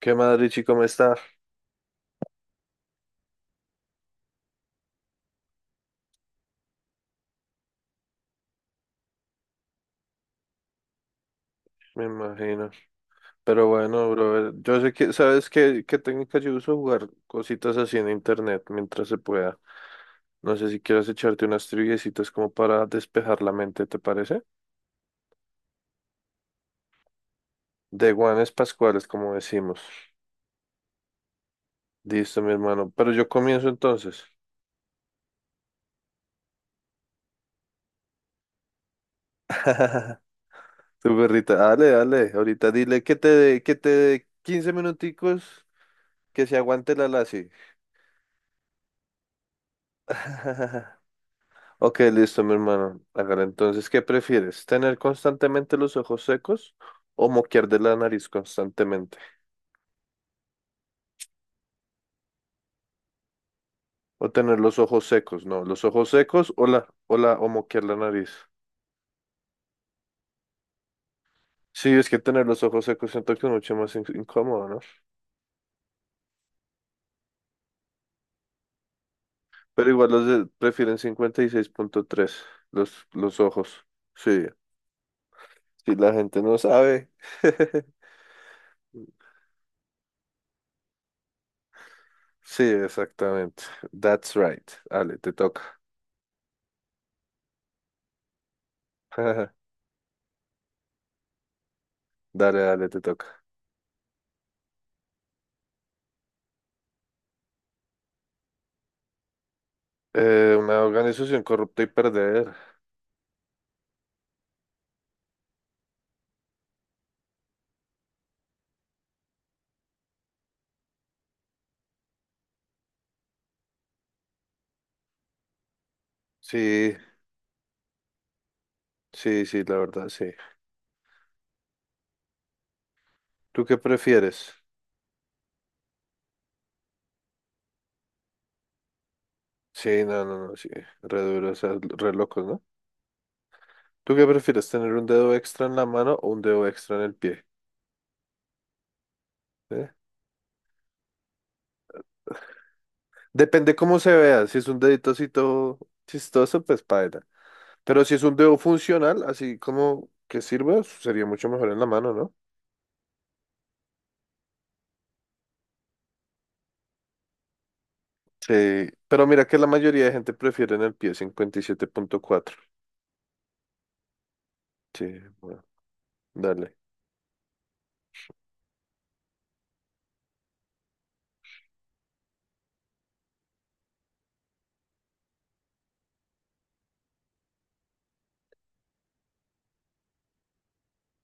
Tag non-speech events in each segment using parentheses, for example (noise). ¿Qué más, Richie? ¿Cómo está? Me imagino. Pero bueno, brother, yo sé que, ¿sabes qué técnica yo uso? Jugar cositas así en internet mientras se pueda. No sé si quieres echarte unas triviecitas como para despejar la mente, ¿te parece? De guanes pascuales, como decimos. Listo, mi hermano. Pero yo comienzo entonces. (laughs) Tu perrita, dale, dale. Ahorita dile que te dé, 15 minuticos, que se aguante la lazi. (laughs) Ok, listo, mi hermano. Hágale, entonces, ¿qué prefieres? ¿Tener constantemente los ojos secos o moquear de la nariz constantemente? O tener los ojos secos, no, los ojos secos o moquear la nariz. Sí, es que tener los ojos secos siento que es mucho más incómodo, ¿no? Pero igual prefieren 56.3, los ojos. Sí, si la gente no sabe. (laughs) Sí, exactamente. That's right. Dale, te toca. (laughs) Dale, dale, te toca. Una organización corrupta y perder. Sí, sí, sí, la verdad, sí. ¿Tú qué prefieres? Sí, no, no, no, sí. Re duro, o sea, re locos, ¿no? ¿Tú qué prefieres, tener un dedo extra en la mano o un dedo extra en el pie? ¿Eh? Depende cómo se vea. Si es un dedito así todo chistoso, pues paila. Pero si es un dedo funcional, así como que sirva, sería mucho mejor en la mano, ¿no? Sí. Pero mira que la mayoría de gente prefiere en el pie 57.4. Sí, bueno, dale.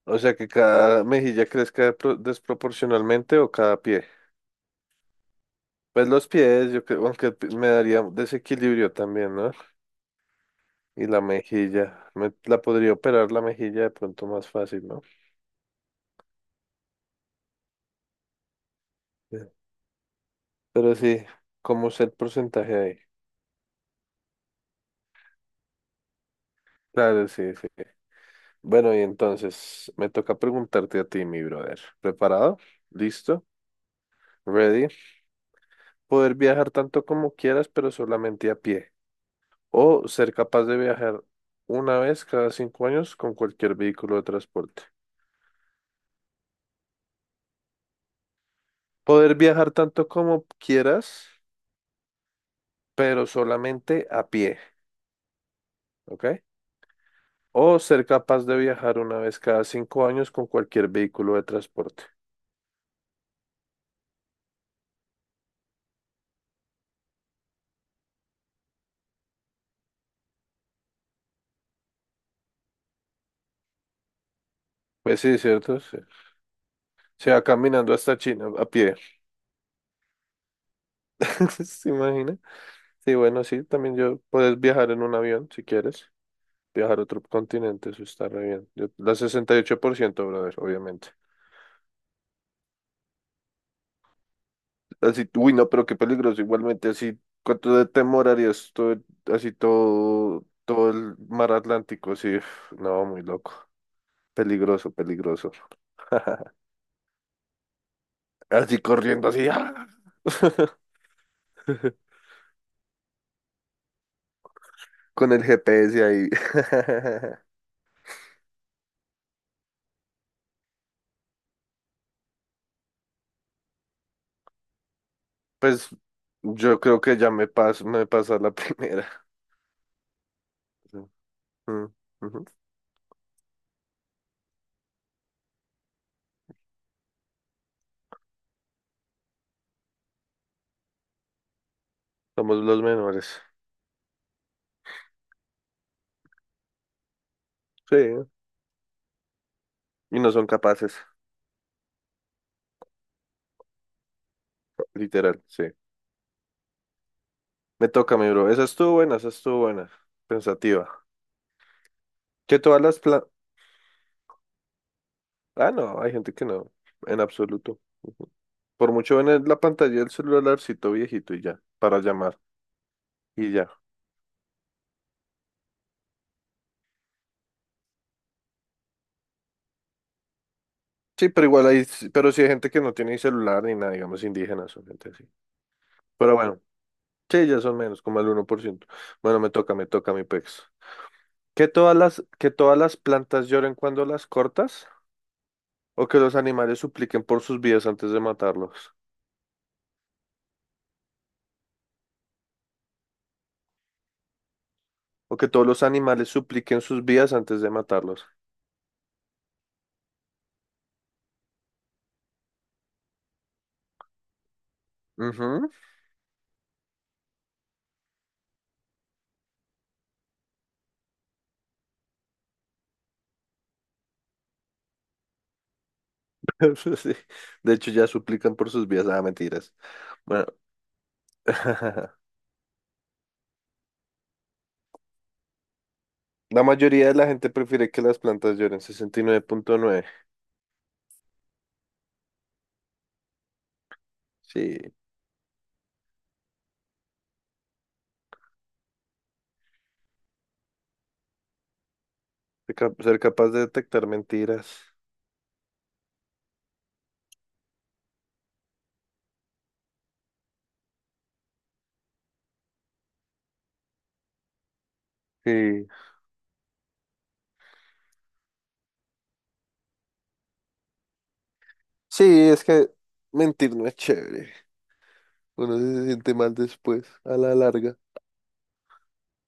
O sea, que cada mejilla crezca desproporcionalmente o cada pie. Pues los pies, yo creo, aunque me daría desequilibrio también, ¿no? Y la mejilla, la podría operar la mejilla de pronto más fácil, ¿no? Sí. Pero sí, ¿cómo es el porcentaje ahí? Claro, sí, sí. Bueno, y entonces me toca preguntarte a ti, mi brother. ¿Preparado? ¿Listo? ¿Ready? Poder viajar tanto como quieras, pero solamente a pie. O ser capaz de viajar una vez cada 5 años con cualquier vehículo de transporte. Poder viajar tanto como quieras, pero solamente a pie, ¿ok? O ser capaz de viajar una vez cada cinco años con cualquier vehículo de transporte. Pues sí, ¿cierto? Sí. Se va caminando hasta China a pie. (laughs) ¿Se imagina? Sí, bueno, sí, también yo puedes viajar en un avión si quieres. Viajar a otro continente, eso está re bien. Yo, la 68%, brother, obviamente. Así, uy, no, pero qué peligroso. Igualmente, así, ¿cuánto de temor harías todo, así todo el mar Atlántico? Así, uf, no, muy loco. Peligroso, peligroso. (laughs) Así corriendo, así, ¡ah! (laughs) Con el GPS ahí. (laughs) Pues yo creo que ya me paso, me pasa la (laughs) primera. Mm, ujú. Somos los menores. Sí, y no son capaces, literal, sí. Me toca, mi bro. Esa estuvo buena, esa estuvo buena. Pensativa. Que todas las, pla- Ah, no, hay gente que no, en absoluto. Ujú. Por mucho ven en la pantalla del celularcito viejito y ya, para llamar y ya. Sí, pero igual hay, pero sí hay gente que no tiene ni celular ni nada, digamos indígenas o gente así. Pero bueno, sí, ya son menos, como el 1%. Bueno, me toca mi pex. ¿Que todas las plantas lloren cuando las cortas? ¿O que los animales supliquen por sus vidas antes de matarlos? ¿O que todos los animales supliquen sus vidas antes de matarlos? Ujú. (laughs) Sí. De hecho, ya suplican por sus vidas. Ah, mentiras. Bueno, (laughs) la mayoría de la gente prefiere que las plantas lloren. 69.9. Sí, ser capaz de detectar mentiras. Sí. Sí, es que mentir no es chévere. Uno se siente mal después, a la larga.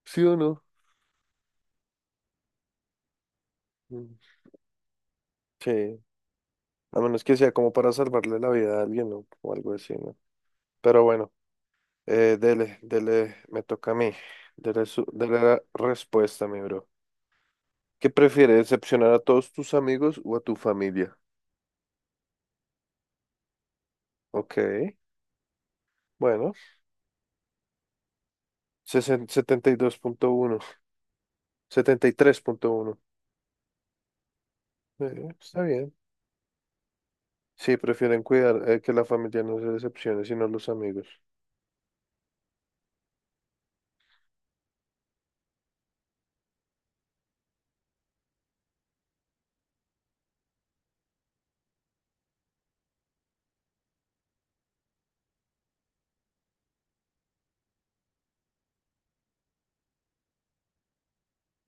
¿Sí o no? Mm, sí. A menos que sea como para salvarle la vida a alguien, ¿no? O algo así, ¿no? Pero bueno, dele, dele, me toca a mí. Dele, dele la respuesta, mi bro. ¿Qué prefieres, decepcionar a todos tus amigos o a tu familia? Ok, bueno, 72.1, 73.1. Está bien. Sí, prefieren cuidar que la familia no se decepcione, sino los amigos.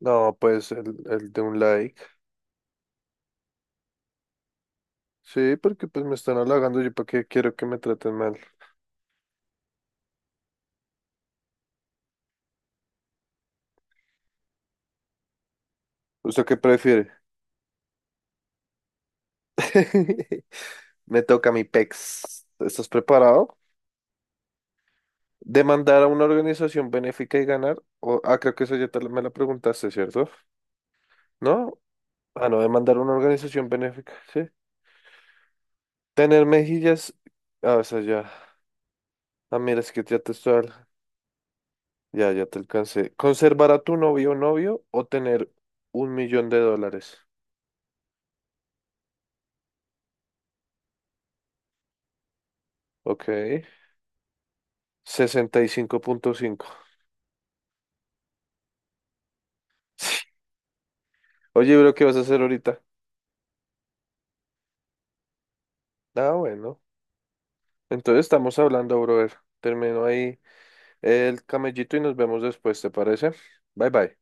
No, pues el de un like. Sí, porque pues me están halagando, yo para qué quiero que me traten mal. ¿Usted qué prefiere? (laughs) Me toca mi pex. ¿Estás preparado? ¿Demandar a una organización benéfica y ganar? O, ah, creo que eso ya me la preguntaste, ¿cierto? ¿No? Ah, no, de mandar una organización benéfica, ¿sí? Tener mejillas. Ah, o sea, ya. Ah, mira, es que ya te estoy. Ya te alcancé. Conservar a tu novio o novio o tener un millón de dólares. Ok. 65.5. (laughs) Oye, bro, ¿qué vas a hacer ahorita? Ah, bueno. Entonces estamos hablando, brother. Termino ahí el camellito y nos vemos después, ¿te parece? Bye, bye.